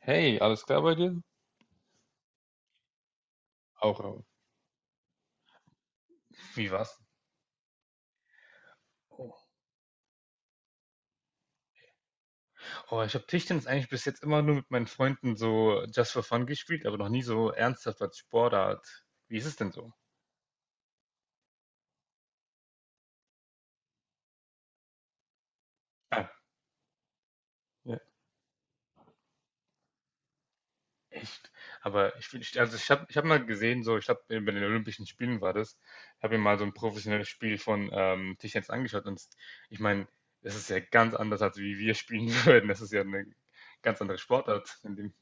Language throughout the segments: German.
Hey, alles klar bei dir? Auch raus. Wie war's? Oh, oh, ich habe Tischtennis eigentlich bis jetzt immer nur mit meinen Freunden so just for fun gespielt, aber noch nie so ernsthaft als Sportart. Wie ist es denn so? Ah, ja. Echt? Also ich hab mal gesehen, so ich habe bei den Olympischen Spielen war das, habe mir mal so ein professionelles Spiel von Tischtennis angeschaut und ich meine, das ist ja ganz anders, als wie wir spielen würden. Das ist ja eine ganz andere Sportart in dem.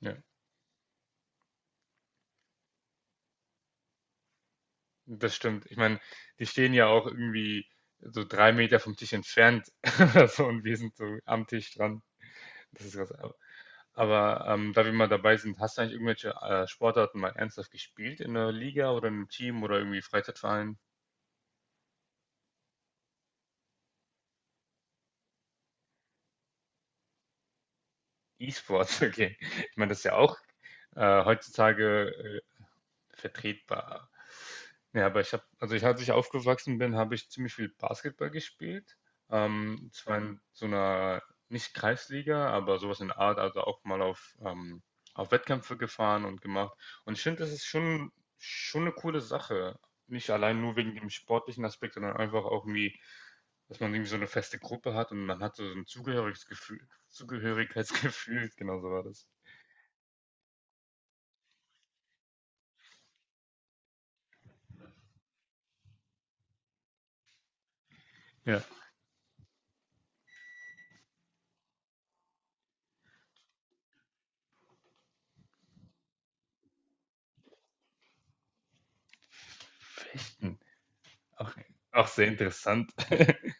Ja. Das stimmt. Ich meine, die stehen ja auch irgendwie so drei Meter vom Tisch entfernt oder so und wir sind so am Tisch dran. Das ist krass. Aber da wir mal dabei sind, hast du eigentlich irgendwelche Sportarten mal ernsthaft gespielt in einer Liga oder in einem Team oder irgendwie Freizeitverein? E-Sports, okay. Ich meine, das ist ja auch heutzutage vertretbar. Ja, aber ich habe, also ich, als ich aufgewachsen bin, habe ich ziemlich viel Basketball gespielt. Zwar in so einer, nicht Kreisliga, aber sowas in der Art, also auch mal auf Wettkämpfe gefahren und gemacht. Und ich finde, das ist schon eine coole Sache. Nicht allein nur wegen dem sportlichen Aspekt, sondern einfach auch irgendwie, dass man irgendwie so eine feste Gruppe hat und man hat so ein Zugehörigkeitsgefühl, genau so war das. Ja. Fechten. Auch, auch sehr interessant.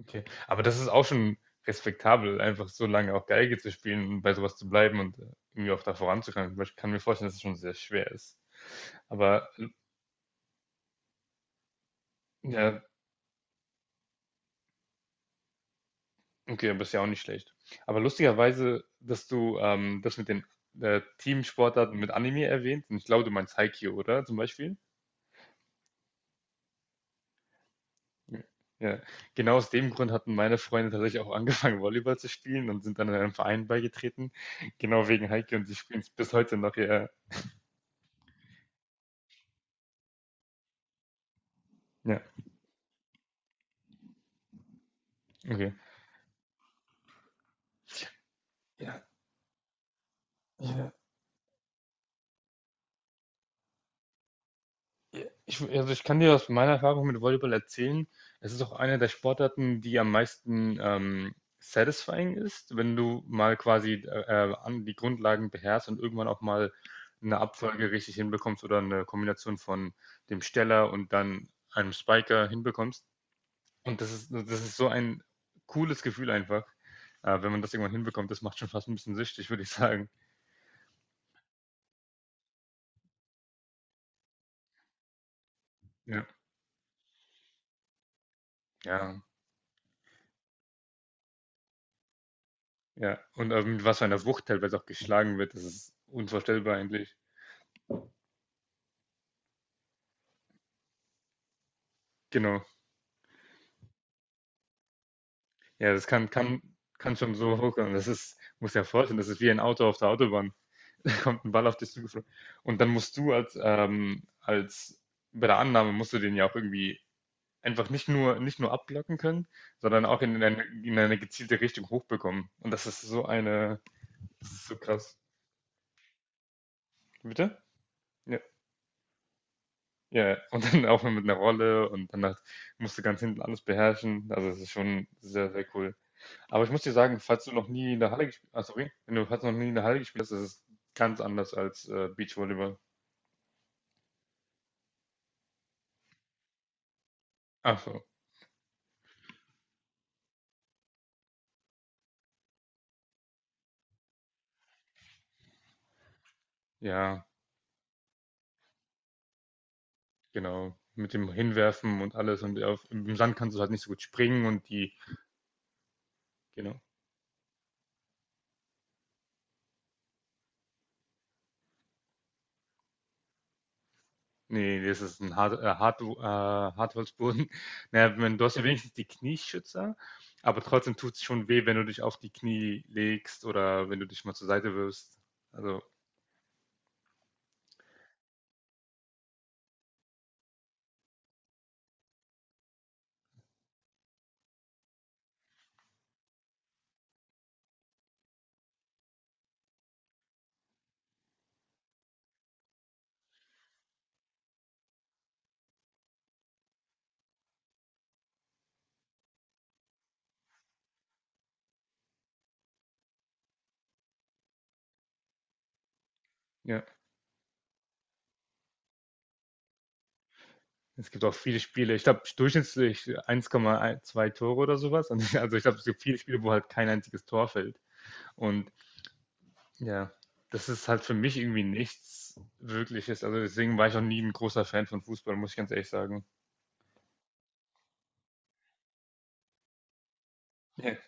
Okay. Aber das ist auch schon respektabel, einfach so lange auch Geige zu spielen und bei sowas zu bleiben und irgendwie auch da voranzukommen. Weil ich kann mir vorstellen, dass es schon sehr schwer ist. Aber äh, ja, okay, aber ist ja auch nicht schlecht. Aber lustigerweise, dass du das mit den Teamsportarten mit Anime erwähnt, und ich glaube, du meinst Haikyuu, oder? Zum Beispiel? Ja. Ja. Genau aus dem Grund hatten meine Freunde tatsächlich auch angefangen, Volleyball zu spielen und sind dann in einem Verein beigetreten. Genau wegen Haikyuu und sie spielen es bis heute noch. Ja, ja, okay. Ja, ja. Ja, ich, also ich kann dir aus meiner Erfahrung mit Volleyball erzählen, es ist auch eine der Sportarten, die am meisten satisfying ist, wenn du mal quasi an die Grundlagen beherrschst und irgendwann auch mal eine Abfolge richtig hinbekommst oder eine Kombination von dem Steller und dann einem Spiker hinbekommst. Und das ist so ein cooles Gefühl einfach, wenn man das irgendwann hinbekommt. Das macht schon fast ein bisschen süchtig, würde ich sagen. Ja, ja, ja. Und mit was für einer Wucht teilweise auch geschlagen wird, das ist unvorstellbar eigentlich. Genau. Ja, das kann kann schon so hochkommen. Das ist muss ja vorstellen, das ist wie ein Auto auf der Autobahn. Da kommt ein Ball auf dich zugeflogen. Und dann musst du als, als bei der Annahme musst du den ja auch irgendwie einfach nicht nur abblocken können, sondern auch in eine gezielte Richtung hochbekommen. Und das ist so eine das ist so krass. Bitte? Ja, ja, ja. Und dann auch mit einer Rolle und dann halt musst du ganz hinten alles beherrschen. Also, es ist schon sehr, sehr cool. Aber ich muss dir sagen, falls du noch nie in der Halle gespielt hast, sorry, wenn du falls du noch nie in der Halle gespielt hast, ist es ganz anders als Beachvolleyball. Ach so, ja, genau. Mit dem Hinwerfen und alles. Und auf, im Sand kannst du halt nicht so gut springen und die, genau. Nee, das ist ein Hartholzboden. Naja, wenn, du hast ja wenigstens die Knieschützer, aber trotzdem tut es schon weh, wenn du dich auf die Knie legst oder wenn du dich mal zur Seite wirfst. Also, ja. Es gibt auch viele Spiele. Ich glaube, durchschnittlich 1,2 Tore oder sowas. Und also ich glaube, es gibt viele Spiele, wo halt kein einziges Tor fällt. Und ja, das ist halt für mich irgendwie nichts Wirkliches. Also deswegen war ich auch nie ein großer Fan von Fußball, muss ich ganz ehrlich sagen. Ja.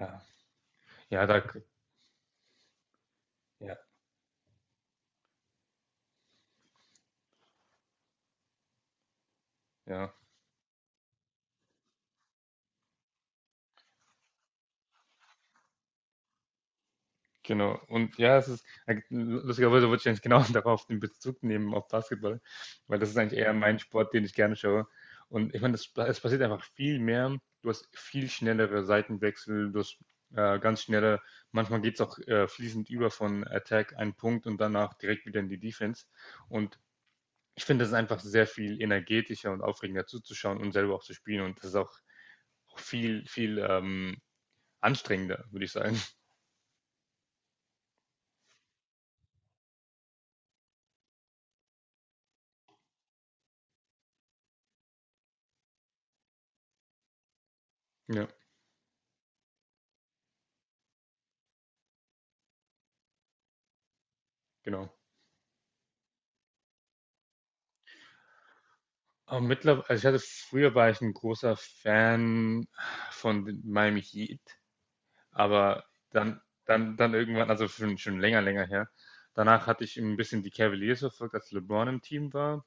Ja, ja, da, ja. ja. Genau. Und ja, es ist, lustigerweise wollte ich eigentlich genau darauf den Bezug nehmen, auf Basketball, weil das ist eigentlich eher mein Sport, den ich gerne schaue. Und ich meine, das es passiert einfach viel mehr. Du hast viel schnellere Seitenwechsel, du hast äh, ganz schnelle, manchmal geht es auch fließend über von Attack einen Punkt und danach direkt wieder in die Defense. Und ich finde, das ist einfach sehr viel energetischer und aufregender zuzuschauen und selber auch zu spielen. Und das ist auch viel, viel anstrengender, würde ich sagen. Ja, genau. Mittler Also ich hatte früher war ich ein großer Fan von den Miami Heat, aber dann irgendwann, also schon länger, länger her. Danach hatte ich ein bisschen die Cavaliers verfolgt, als LeBron im Team war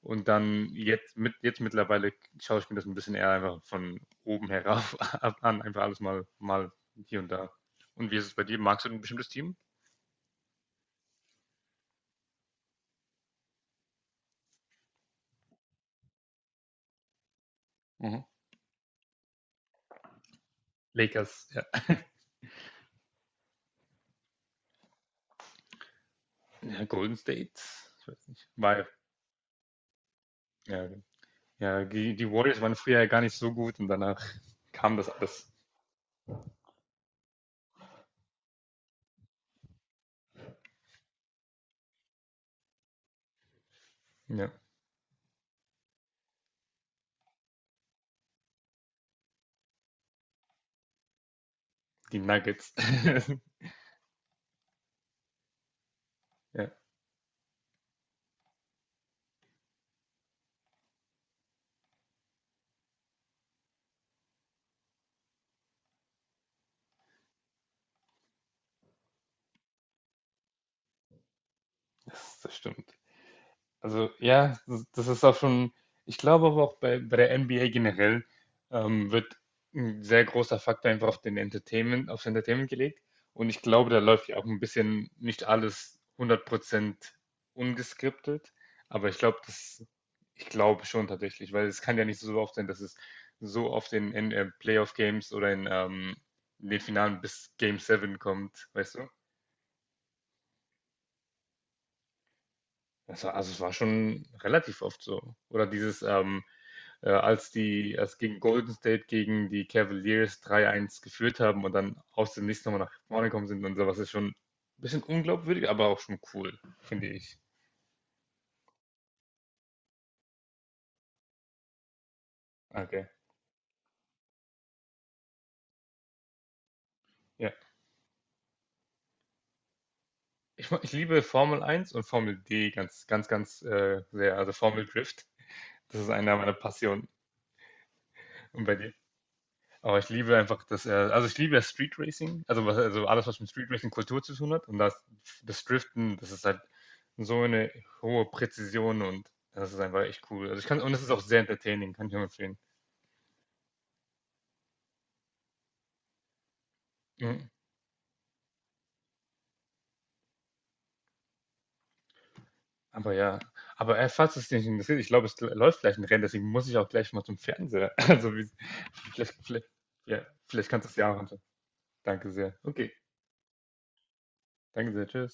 und dann jetzt mit jetzt mittlerweile schaue ich mir das ein bisschen eher einfach von oben herauf ab an, einfach alles mal hier und da. Und wie ist es bei dir? Magst du ein bestimmtes Team? Mhm. Lakers, ja. Ja, Golden State? Ich weiß nicht. War ja Ja, genau. Ja, die, die Warriors waren früher ja gar nicht so gut und danach kam das alles. Ja, die Nuggets. Ja, das stimmt. Also ja, das das ist auch schon, ich glaube aber auch bei der NBA generell wird ein sehr großer Faktor einfach auf den Entertainment, aufs Entertainment gelegt. Und ich glaube, da läuft ja auch ein bisschen nicht alles hundert Prozent ungeskriptet. Aber ich glaube schon tatsächlich, weil es kann ja nicht so oft sein, dass es so oft in Playoff-Games oder in den Finalen bis Game 7 kommt, weißt du? Also es war schon relativ oft so. Oder als gegen Golden State gegen die Cavaliers 3-1 geführt haben und dann aus dem nächsten nochmal nach vorne gekommen sind und sowas ist schon ein bisschen unglaubwürdig, aber auch schon cool, finde ich. Okay. Ja. Ich liebe Formel 1 und Formel D ganz, ganz, ganz sehr. Also Formel Drift, das ist einer meiner Passionen. Und bei dir? Aber ich liebe einfach, dass er, also ich liebe das Street Racing, also, was, also alles, was mit Street Racing Kultur zu tun hat. Und das Driften, das ist halt so eine hohe Präzision und das ist einfach echt cool. Also ich kann, und es ist auch sehr entertaining, kann ich nur empfehlen. Mhm. Aber ja, aber falls es dich interessiert, ich glaube, es läuft gleich ein Rennen, deswegen muss ich auch gleich mal zum Fernseher. Vielleicht, ja, vielleicht kannst du es ja auch anschauen. Danke sehr. Okay, danke sehr, tschüss.